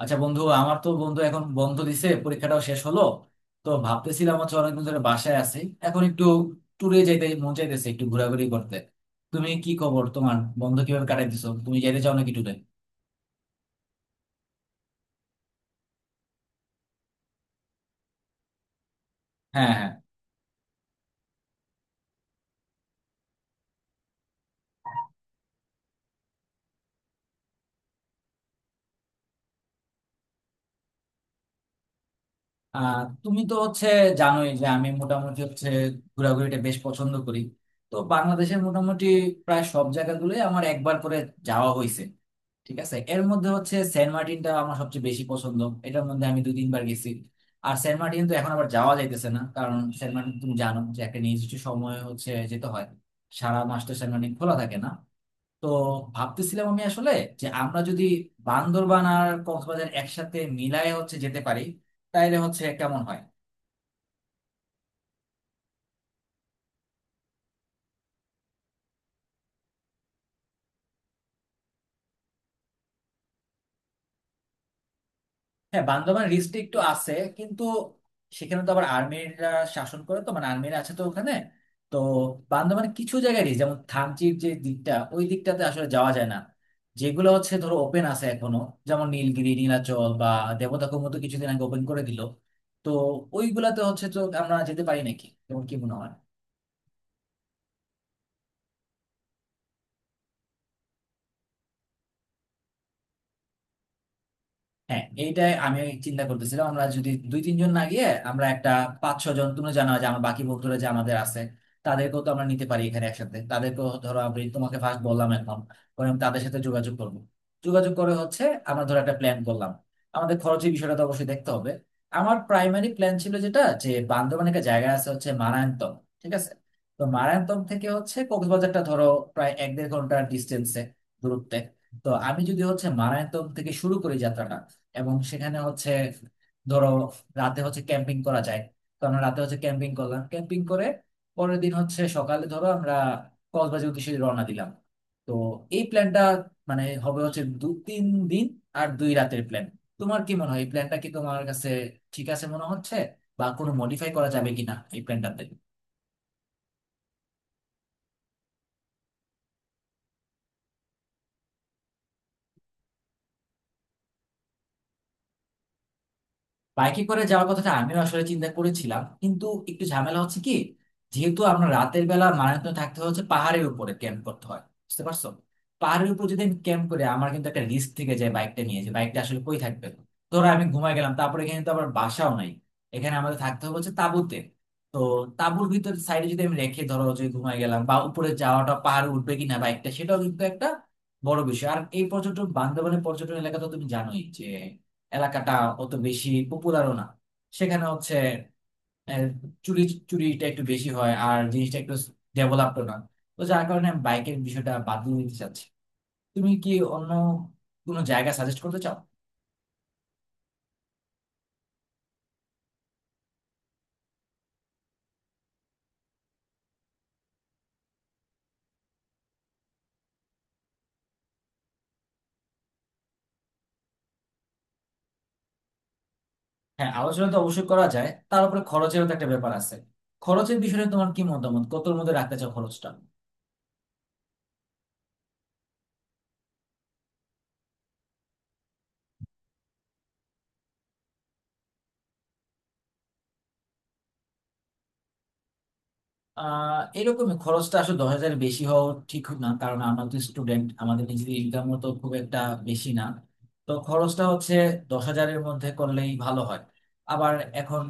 আচ্ছা বন্ধু, আমার তো বন্ধু এখন বন্ধ দিছে, পরীক্ষাটাও শেষ হলো। তো ভাবতেছিলাম হচ্ছে অনেকদিন ধরে বাসায় আছি, এখন একটু ট্যুরে যাইতে মন চাইতেছে, একটু ঘোরাঘুরি করতে। তুমি কি খবর, তোমার বন্ধ কিভাবে কাটাই দিছো, তুমি যাইতে চাও নাকি ট্যুরে? হ্যাঁ, হ্যাঁ। তুমি তো হচ্ছে জানোই যে আমি মোটামুটি হচ্ছে ঘোরাঘুরিটা বেশ পছন্দ করি। তো বাংলাদেশের মোটামুটি প্রায় সব জায়গাগুলোই আমার একবার করে যাওয়া হয়েছে। ঠিক আছে, এর মধ্যে হচ্ছে সেন্ট মার্টিনটা আমার সবচেয়ে বেশি পছন্দ। এটার মধ্যে আমি দুই তিনবার গেছি। আর সেন্ট মার্টিন তো এখন আবার যাওয়া যাইতেছে না, কারণ সেন্ট মার্টিন তুমি জানো যে একটা নির্দিষ্ট সময় হচ্ছে যেতে হয়। সারা মাস তো সেন্ট মার্টিন খোলা থাকে না। তো ভাবতেছিলাম আমি আসলে যে আমরা যদি বান্দরবান আর কক্সবাজার একসাথে মিলায় হচ্ছে যেতে পারি, তাইলে হচ্ছে কেমন হয়? হ্যাঁ, বান্দরবান রিস্ট্রিক্ট একটু আছে, কিন্তু সেখানে তো আবার আর্মিরা শাসন করে, তো মানে আর্মিরা আছে তো ওখানে। তো বান্দরবান কিছু জায়গায় রিস্ক, যেমন থানচির যে দিকটা, ওই দিকটাতে আসলে যাওয়া যায় না। যেগুলো হচ্ছে ধরো ওপেন আছে এখনো, যেমন নীলগিরি, নীলাচল, বা দেবতাখুম তো কিছুদিন আগে ওপেন করে দিল। তো ওইগুলাতে হচ্ছে তো আমরা যেতে পারি নাকি, তোমার কি মনে হয়? হ্যাঁ, এইটাই আমি চিন্তা করতেছিলাম, আমরা যদি দুই তিনজন না গিয়ে আমরা একটা পাঁচ ছ জন, তুমি জানা যে আমার বাকি বন্ধুরা যে আমাদের আছে, তাদেরকেও তো আমরা নিতে পারি এখানে একসাথে। তাদেরকেও ধরো আমি তোমাকে ফার্স্ট বললাম, এখন পরে আমি তাদের সাথে যোগাযোগ করব। যোগাযোগ করে হচ্ছে আমরা ধরো একটা প্ল্যান করলাম, আমাদের খরচের বিষয়টা তো অবশ্যই দেখতে হবে। আমার প্রাইমারি প্ল্যান ছিল যেটা, যে বান্দরবানে একটা জায়গা আছে হচ্ছে মারায়ন্তম, ঠিক আছে। তো মারায়ন্তম থেকে হচ্ছে কক্সবাজারটা ধরো প্রায় এক দেড় ঘন্টার ডিস্টেন্সে, দূরত্বে। তো আমি যদি হচ্ছে মারায়ন্তম থেকে শুরু করি যাত্রাটা, এবং সেখানে হচ্ছে ধরো রাতে হচ্ছে ক্যাম্পিং করা যায়। তো আমরা রাতে হচ্ছে ক্যাম্পিং করলাম, ক্যাম্পিং করে পরের দিন হচ্ছে সকালে ধরো আমরা কক্সবাজার উদ্দেশ্যে রওনা দিলাম। তো এই প্ল্যানটা মানে হবে হচ্ছে দু তিন দিন আর দুই রাতের প্ল্যান। তোমার কি মনে হয়, এই প্ল্যানটা কি তোমার কাছে ঠিক আছে মনে হচ্ছে, বা কোনো মডিফাই করা যাবে কিনা এই প্ল্যানটাতে? বাইকে করে যাওয়ার কথাটা আমিও আসলে চিন্তা করেছিলাম, কিন্তু একটু ঝামেলা হচ্ছে কি, যেহেতু আমরা রাতের বেলা মারাত্মক থাকতে হচ্ছে পাহাড়ের উপরে ক্যাম্প করতে হয়, বুঝতে পারছো? পাহাড়ের উপর যদি আমি ক্যাম্প করে, আমার কিন্তু একটা রিস্ক থেকে যায় বাইকটা নিয়ে, যে বাইকটা আসলে কই থাকবে। ধরো আমি ঘুমায় গেলাম, তারপরে এখানে তো আবার বাসাও নাই, এখানে আমাদের থাকতে হবে হচ্ছে তাঁবুতে। তো তাঁবুর ভিতর সাইডে যদি আমি রেখে ধরো যে ঘুমায় গেলাম, বা উপরে যাওয়াটা পাহাড়ে উঠবে কিনা বাইকটা, সেটাও কিন্তু একটা বড় বিষয়। আর এই পর্যটন, বান্দরবানের পর্যটন এলাকা তো তুমি জানোই, এলাকাটা অত বেশি পপুলারও না। সেখানে হচ্ছে আহ, চুরি চুরিটা একটু বেশি হয়, আর জিনিসটা একটু ডেভেলপড না। তো যার কারণে আমি বাইকের বিষয়টা বাদ দিয়ে দিতে চাচ্ছি। তুমি কি অন্য কোনো জায়গা সাজেস্ট করতে চাও? হ্যাঁ, আলোচনা তো অবশ্যই করা যায়, তার উপরে খরচেরও তো একটা ব্যাপার আছে। খরচের বিষয়ে তোমার কি মতামত, কতর মধ্যে রাখতে চাও খরচটা? আহ এরকম খরচটা আসলে 10,000-এর বেশি হওয়া ঠিক না, কারণ আমরা তো স্টুডেন্ট, আমাদের নিজেদের ইনকামও তো খুব একটা বেশি না। তো খরচটা হচ্ছে 10,000-এর মধ্যে করলেই ভালো হয়। আবার এখন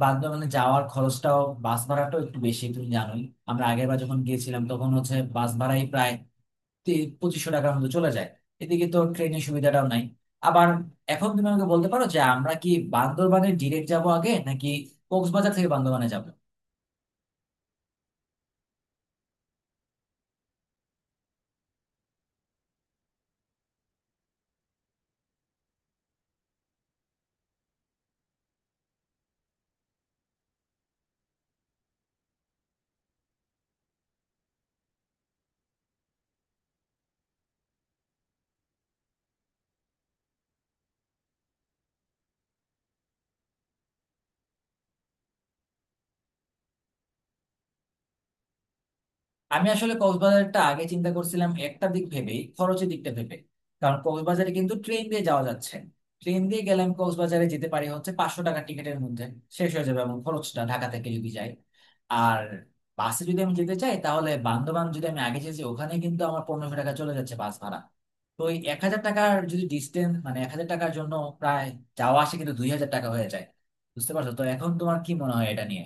বান্দরবানে যাওয়ার খরচটাও, বাস ভাড়াটাও একটু বেশি তুমি জানোই। আমরা আগের বার যখন গিয়েছিলাম তখন হচ্ছে বাস ভাড়াই প্রায় তি- 2500 টাকার মতো চলে যায়। এদিকে তো ট্রেনের সুবিধাটাও নাই আবার। এখন তুমি আমাকে বলতে পারো যে আমরা কি বান্দরবানে ডিরেক্ট যাব আগে, নাকি কক্সবাজার থেকে বান্দরবানে যাব? আমি আসলে কক্সবাজারটা আগে চিন্তা করছিলাম একটা দিক ভেবেই, খরচের দিকটা ভেবে। কারণ কক্সবাজারে কিন্তু ট্রেন দিয়ে যাওয়া যাচ্ছে। ট্রেন দিয়ে গেলে আমি কক্সবাজারে যেতে পারি হচ্ছে 500 টাকা টিকিটের মধ্যে শেষ হয়ে যাবে, এবং খরচটা ঢাকা থেকে যদি যাই। আর বাসে যদি আমি যেতে চাই, তাহলে বান্দরবান যদি আমি আগে যেতে চাই, ওখানে কিন্তু আমার 1500 টাকা চলে যাচ্ছে বাস ভাড়া। তো ওই 1000 টাকার যদি ডিস্টেন্স, মানে 1000 টাকার জন্য প্রায় যাওয়া আসে কিন্তু 2000 টাকা হয়ে যায়। বুঝতে পারছো তো? এখন তোমার কি মনে হয় এটা নিয়ে?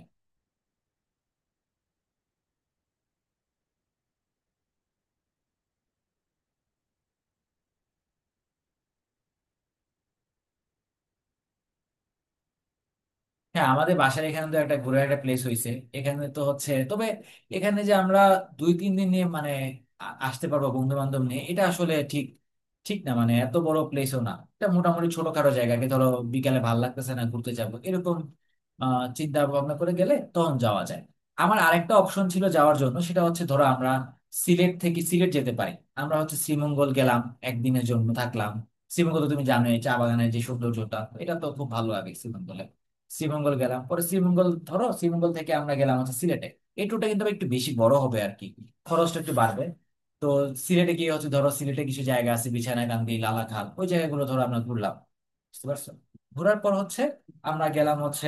হ্যাঁ, আমাদের বাসার এখানে তো একটা ঘোরার একটা প্লেস হয়েছে। এখানে তো হচ্ছে, তবে এখানে যে আমরা দুই তিন দিন নিয়ে মানে আসতে পারবো বন্ধু বান্ধব নিয়ে, এটা আসলে ঠিক ঠিক না, মানে এত বড় প্লেসও না এটা, মোটামুটি ছোটখাটো জায়গাকে ধরো, বিকালে ভাল লাগতেছে না ঘুরতে যাবো এরকম চিন্তা ভাবনা করে গেলে তখন যাওয়া যায়। আমার আরেকটা অপশন ছিল যাওয়ার জন্য, সেটা হচ্ছে ধরো আমরা সিলেট থেকে সিলেট যেতে পারি। আমরা হচ্ছে শ্রীমঙ্গল গেলাম, একদিনের জন্য থাকলাম। শ্রীমঙ্গল তো তুমি জানোই, চা বাগানের যে সৌন্দর্যটা, এটা তো খুব ভালো লাগে শ্রীমঙ্গলে। শ্রীমঙ্গল গেলাম, পরে শ্রীমঙ্গল ধরো, শ্রীমঙ্গল থেকে আমরা গেলাম হচ্ছে সিলেটে। এই ট্যুরটা কিন্তু আবার একটু বেশি বড় হবে আর কি, খরচটা একটু বাড়বে। তো সিলেটে গিয়ে হচ্ছে ধরো সিলেটে কিছু জায়গা আছে, বিছানাকান্দি, লালাখাল, ওই জায়গাগুলো ধরো আমরা ঘুরলাম, বুঝতে পারছো? ঘোরার পর হচ্ছে আমরা গেলাম হচ্ছে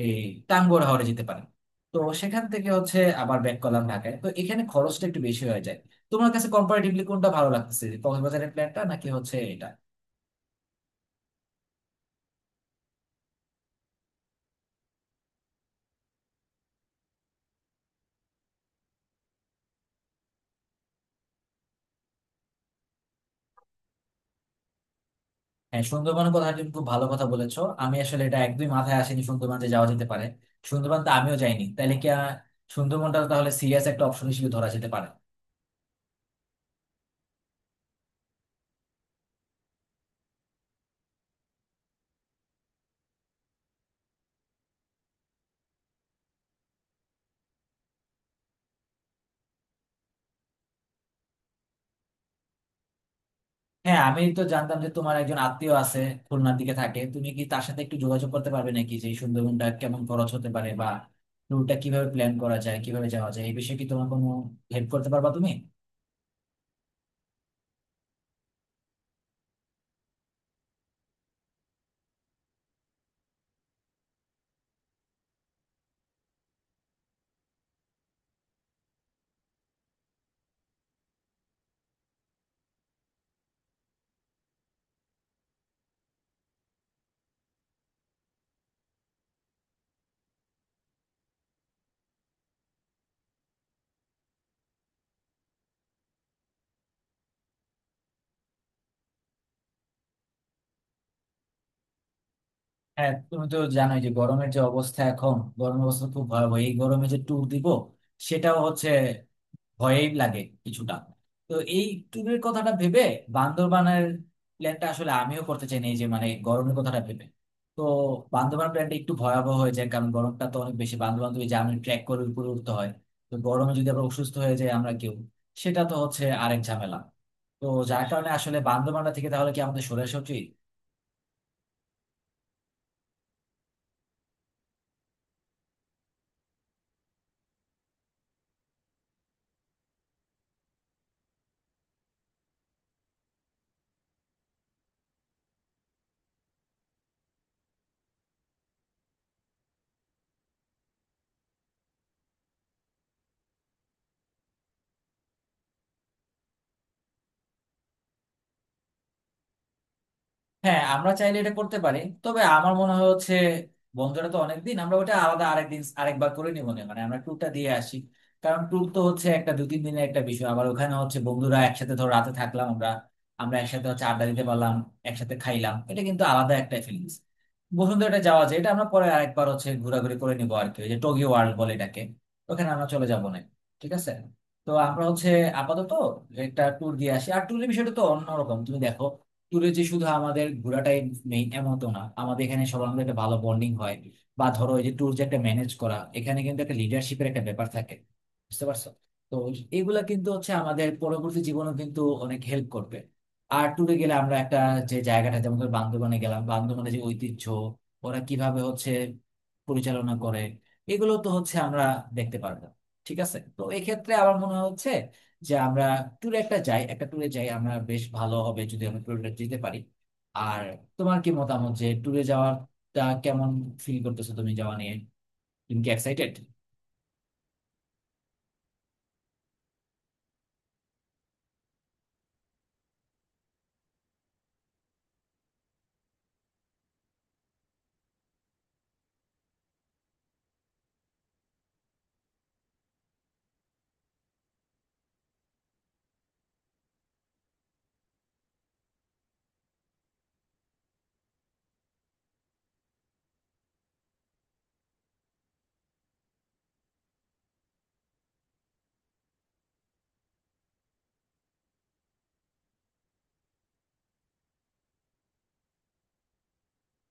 এই টাঙ্গুয়ার হাওরে যেতে পারি। তো সেখান থেকে হচ্ছে আবার ব্যাক করলাম ঢাকায়। তো এখানে খরচটা একটু বেশি হয়ে যায়। তোমার কাছে কম্পারেটিভলি কোনটা ভালো লাগতেছে, কক্সবাজারের প্ল্যানটা নাকি হচ্ছে এটা? হ্যাঁ, সুন্দরবনের কথা তুমি খুব ভালো কথা বলেছো, আমি আসলে এটা একদমই মাথায় আসেনি, সুন্দরবন যে যাওয়া যেতে পারে। সুন্দরবন তো আমিও যাইনি। তাহলে কি সুন্দরবনটা তাহলে সিরিয়াস একটা অপশন হিসেবে ধরা যেতে পারে। হ্যাঁ, আমি তো জানতাম যে তোমার একজন আত্মীয় আছে খুলনার দিকে থাকে, তুমি কি তার সাথে একটু যোগাযোগ করতে পারবে নাকি, যে এই সুন্দরবনটা কেমন, খরচ হতে পারে বা ট্যুরটা কিভাবে প্ল্যান করা যায়, কিভাবে যাওয়া যায়, এই বিষয়ে কি তোমার কোনো হেল্প করতে পারবা তুমি? হ্যাঁ, তুমি তো জানোই যে গরমের যে অবস্থা, এখন গরমের অবস্থা খুব ভয়াবহ, এই গরমে যে ট্যুর দিব সেটাও হচ্ছে ভয় লাগে কিছুটা। তো এই ট্যুরের কথাটা ভেবে বান্দরবানের প্ল্যানটা আসলে আমিও করতে চাই না, এই যে মানে গরমের কথাটা ভেবে। তো বান্দরবান প্ল্যানটা একটু ভয়াবহ হয়ে যায়, কারণ গরমটা তো অনেক বেশি, বান্দরবান তুমি জানো ট্রেক করে উপরে উঠতে হয়। তো গরমে যদি আবার অসুস্থ হয়ে যায় আমরা কেউ, সেটা তো হচ্ছে আরেক ঝামেলা। তো যার কারণে আসলে বান্দরবানটা থেকে তাহলে কি আমাদের সরে আসা উচিত? হ্যাঁ, আমরা চাইলে এটা করতে পারি, তবে আমার মনে হয় হচ্ছে বন্ধুরা তো অনেকদিন, আমরা ওটা আলাদা আরেকদিন আরেকবার করে নিবো না, মানে আমরা ট্যুরটা দিয়ে আসি। কারণ ট্যুর তো হচ্ছে একটা দু তিন দিনের একটা বিষয়, আবার ওখানে হচ্ছে বন্ধুরা একসাথে ধর রাতে থাকলাম আমরা, আমরা একসাথে হচ্ছে আড্ডা দিতে পারলাম, একসাথে খাইলাম, এটা কিন্তু আলাদা একটা ফিলিংস। বসুন্ধরাটা যাওয়া যায়, এটা আমরা পরে আরেকবার হচ্ছে ঘোরাঘুরি করে নিবো আর কি, ওই যে টোকিও ওয়ার্ল্ড বলে এটাকে, ওখানে আমরা চলে যাবো না। ঠিক আছে। তো আমরা হচ্ছে আপাতত একটা ট্যুর দিয়ে আসি। আর ট্যুরের বিষয়টা তো অন্যরকম তুমি দেখো, ট্যুরে যে শুধু আমাদের ঘোরাটাই মেইন এমন তো না, আমাদের এখানে সবার মধ্যে একটা ভালো বন্ডিং হয়, বা ধরো এই যে ট্যুর যে একটা ম্যানেজ করা, এখানে কিন্তু একটা লিডারশিপের একটা ব্যাপার থাকে, বুঝতে পারছো? তো এগুলা কিন্তু হচ্ছে আমাদের পরবর্তী জীবনে কিন্তু অনেক হেল্প করবে। আর ট্যুরে গেলে আমরা একটা যে জায়গাটা, যেমন ধর বান্দরবানে গেলাম, বান্দরবানে যে ঐতিহ্য, ওরা কিভাবে হচ্ছে পরিচালনা করে, এগুলো তো হচ্ছে আমরা দেখতে পারবো। ঠিক আছে, তো এক্ষেত্রে আমার মনে হচ্ছে যে আমরা ট্যুরে একটা ট্যুরে যাই আমরা, বেশ ভালো হবে যদি আমরা ট্যুরে যেতে পারি। আর তোমার কি মতামত, যে ট্যুরে যাওয়াটা কেমন ফিল করতেছো তুমি, যাওয়া নিয়ে তুমি কি এক্সাইটেড?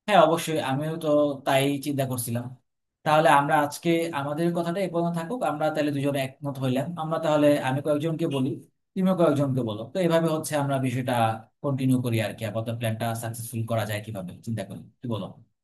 হ্যাঁ, অবশ্যই, আমিও তো তাই চিন্তা করছিলাম। তাহলে আমরা আজকে আমাদের কথাটা এ পর্যন্ত থাকুক। আমরা তাহলে দুজনে একমত হইলাম, আমরা তাহলে, আমি কয়েকজনকে বলি, তুমিও কয়েকজনকে বলো, তো এভাবে হচ্ছে আমরা বিষয়টা কন্টিনিউ করি আর কি। আপাতত প্ল্যানটা সাকসেসফুল করা যায় কিভাবে চিন্তা করি, কি বলো?